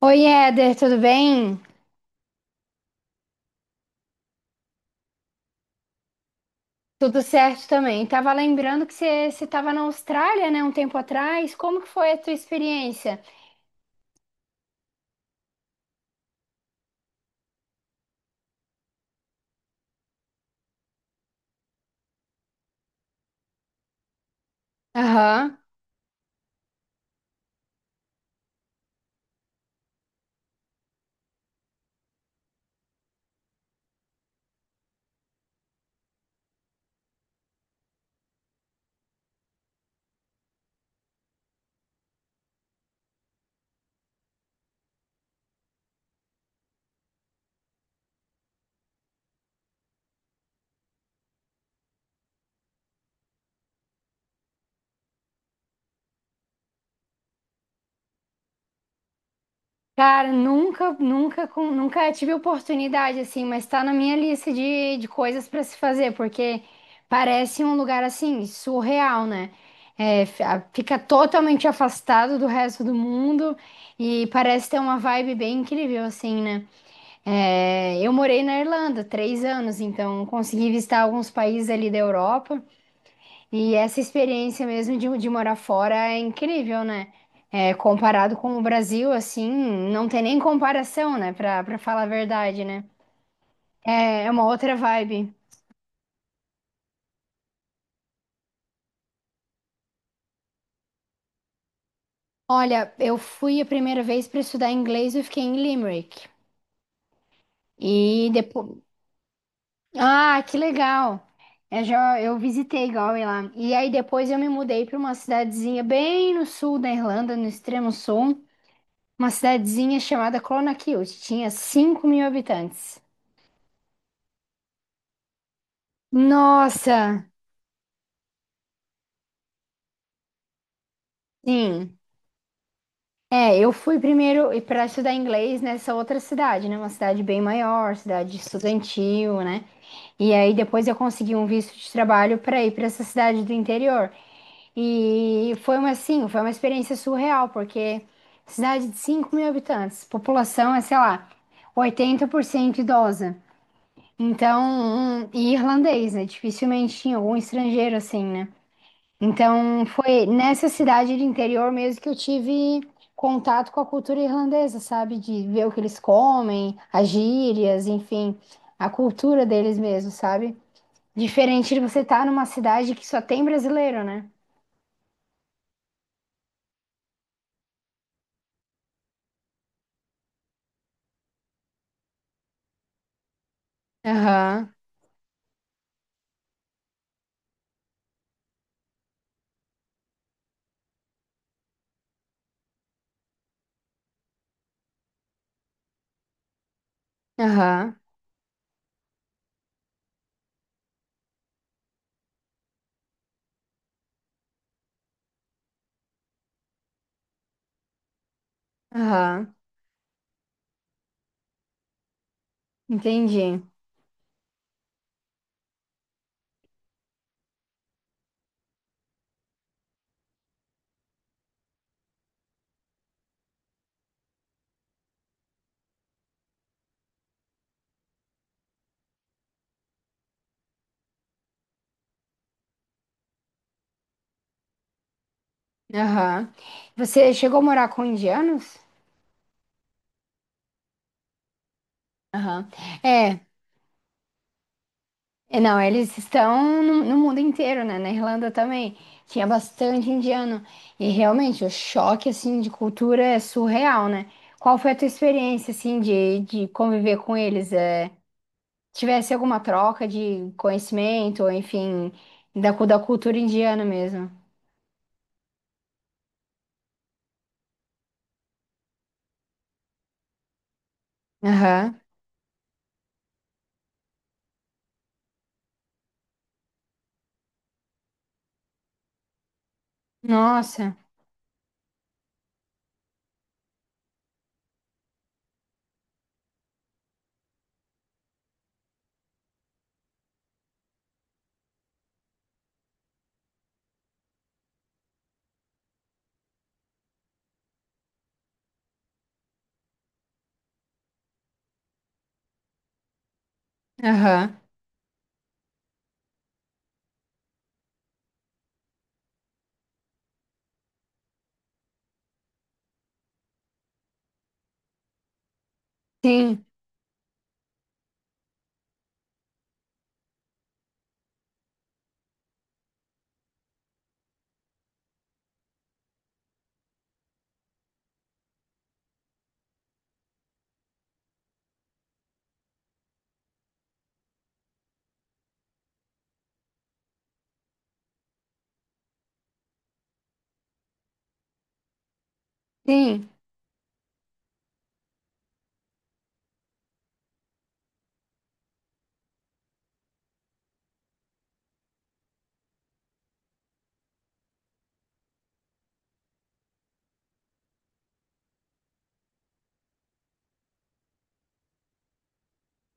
Oi, Éder, tudo bem? Tudo certo também. Tava lembrando que você estava na Austrália, né, um tempo atrás. Como que foi a tua experiência? Aham. Cara, nunca, nunca tive oportunidade assim, mas tá na minha lista de coisas para se fazer, porque parece um lugar assim surreal, né? É, fica totalmente afastado do resto do mundo e parece ter uma vibe bem incrível assim, né? É, eu morei na Irlanda 3 anos, então consegui visitar alguns países ali da Europa. E essa experiência mesmo de morar fora é incrível, né? É, comparado com o Brasil, assim, não tem nem comparação, né? Pra falar a verdade, né? É, é uma outra vibe. Olha, eu fui a primeira vez para estudar inglês, eu fiquei em Limerick. E depois, ah, que legal. Eu já eu visitei Galway lá. E aí depois eu me mudei para uma cidadezinha bem no sul da Irlanda, no extremo sul, uma cidadezinha chamada Clonakilty. Tinha 5.000 habitantes. Nossa, sim. É, eu fui primeiro para estudar inglês nessa outra cidade, né? Uma cidade bem maior, cidade estudantil, né? E aí depois eu consegui um visto de trabalho para ir para essa cidade do interior. E foi uma, assim, foi uma experiência surreal, porque cidade de 5.000 habitantes, população é, sei lá, 80% idosa. Então, e irlandês, né? Dificilmente tinha algum estrangeiro assim, né? Então, foi nessa cidade de interior mesmo que eu tive contato com a cultura irlandesa, sabe? De ver o que eles comem, as gírias, enfim, a cultura deles mesmo, sabe? Diferente de você estar numa cidade que só tem brasileiro, né? Aham. Aham, aham, entendi. Aham. Você chegou a morar com indianos? Aham. É, é, não, eles estão no mundo inteiro, né? Na Irlanda também. Tinha bastante indiano. E realmente, o choque, assim, de cultura é surreal, né? Qual foi a tua experiência, assim, de conviver com eles? É, tivesse alguma troca de conhecimento, enfim, da cultura indiana mesmo? Aham. Nossa, aham. Sim, sim.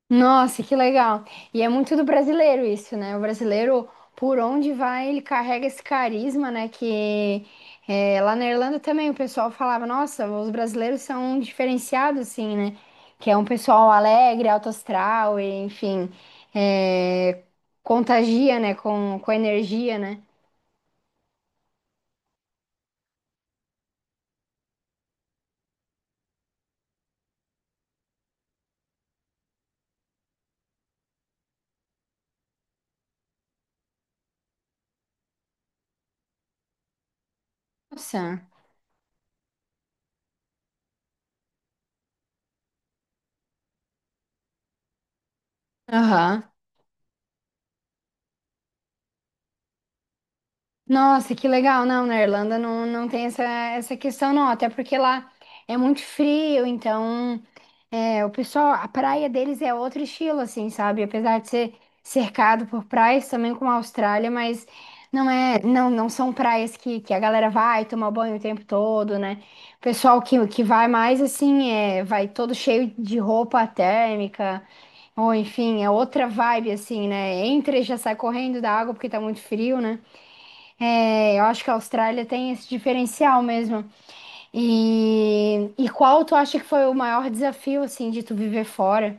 Nossa, que legal. E é muito do brasileiro isso, né? O brasileiro, por onde vai, ele carrega esse carisma, né? Que é, lá na Irlanda também o pessoal falava, nossa, os brasileiros são diferenciados, assim, né? Que é um pessoal alegre, alto astral, e, enfim, é, contagia, né? Com energia, né? Nossa. Aham. Nossa, que legal. Não, na Irlanda não, não tem essa, essa questão, não. Até porque lá é muito frio, então é, o pessoal, a praia deles é outro estilo, assim, sabe? Apesar de ser cercado por praias, também como a Austrália, mas não é, não, não são praias que a galera vai tomar banho o tempo todo, né? O pessoal que vai mais assim, é, vai todo cheio de roupa térmica. Ou enfim, é outra vibe assim, né? Entra e já sai correndo da água porque tá muito frio, né? É, eu acho que a Austrália tem esse diferencial mesmo. E qual tu acha que foi o maior desafio, assim, de tu viver fora?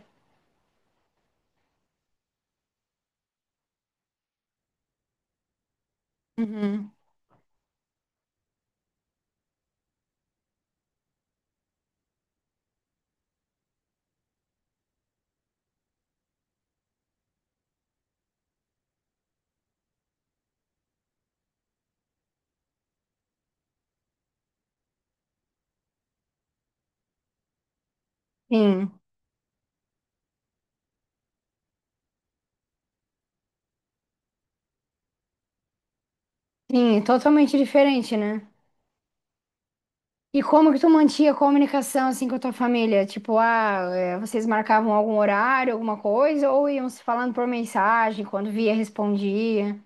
Uhum. Sim, sim, totalmente diferente, né? E como que tu mantinha a comunicação, assim, com a tua família? Tipo, ah, é, vocês marcavam algum horário, alguma coisa, ou iam se falando por mensagem, quando via, respondia?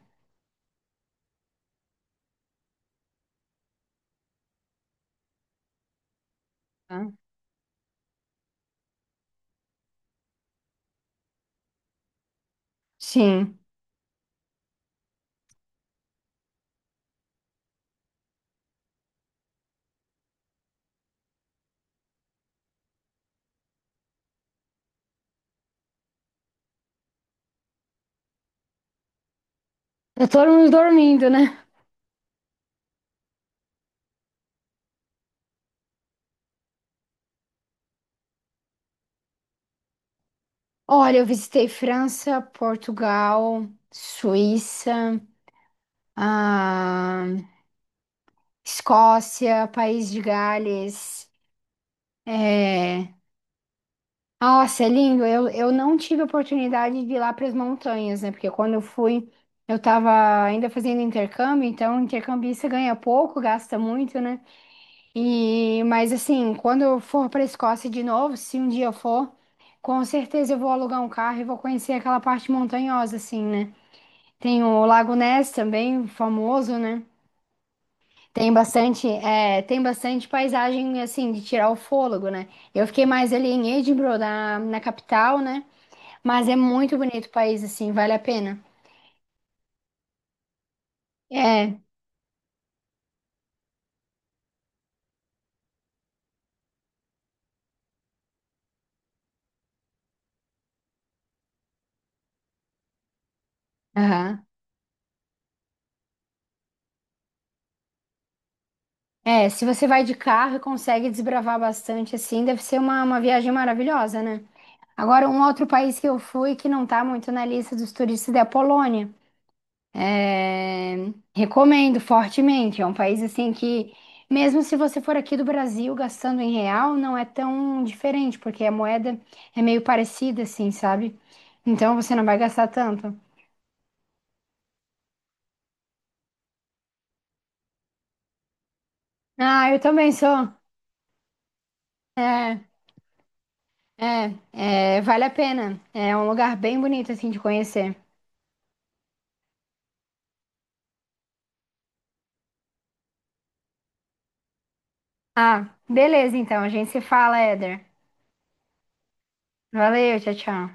Tá? Sim. Tá todo mundo dormindo, né? Olha, eu visitei França, Portugal, Suíça. A Escócia, País de Gales. É... Nossa, é lindo. Eu não tive a oportunidade de ir lá para as montanhas, né? Porque quando eu fui, eu estava ainda fazendo intercâmbio, então intercambista ganha pouco, gasta muito, né? E, mas assim, quando eu for para a Escócia de novo, se um dia eu for, com certeza eu vou alugar um carro e vou conhecer aquela parte montanhosa, assim, né? Tem o Lago Ness também, famoso, né? Tem bastante, é, tem bastante paisagem assim de tirar o fôlego, né? Eu fiquei mais ali em Edinburgh, na, na capital, né? Mas é muito bonito o país, assim, vale a pena. É, aham. É, se você vai de carro e consegue desbravar bastante, assim, deve ser uma viagem maravilhosa, né? Agora, um outro país que eu fui que não tá muito na lista dos turistas é a Polônia. É, recomendo fortemente. É um país assim que, mesmo se você for aqui do Brasil gastando em real, não é tão diferente, porque a moeda é meio parecida, assim, sabe? Então você não vai gastar tanto. Ah, eu também sou. É, é, é, vale a pena. É um lugar bem bonito, assim, de conhecer. Ah, beleza, então. A gente se fala, Éder. Valeu, tchau, tchau.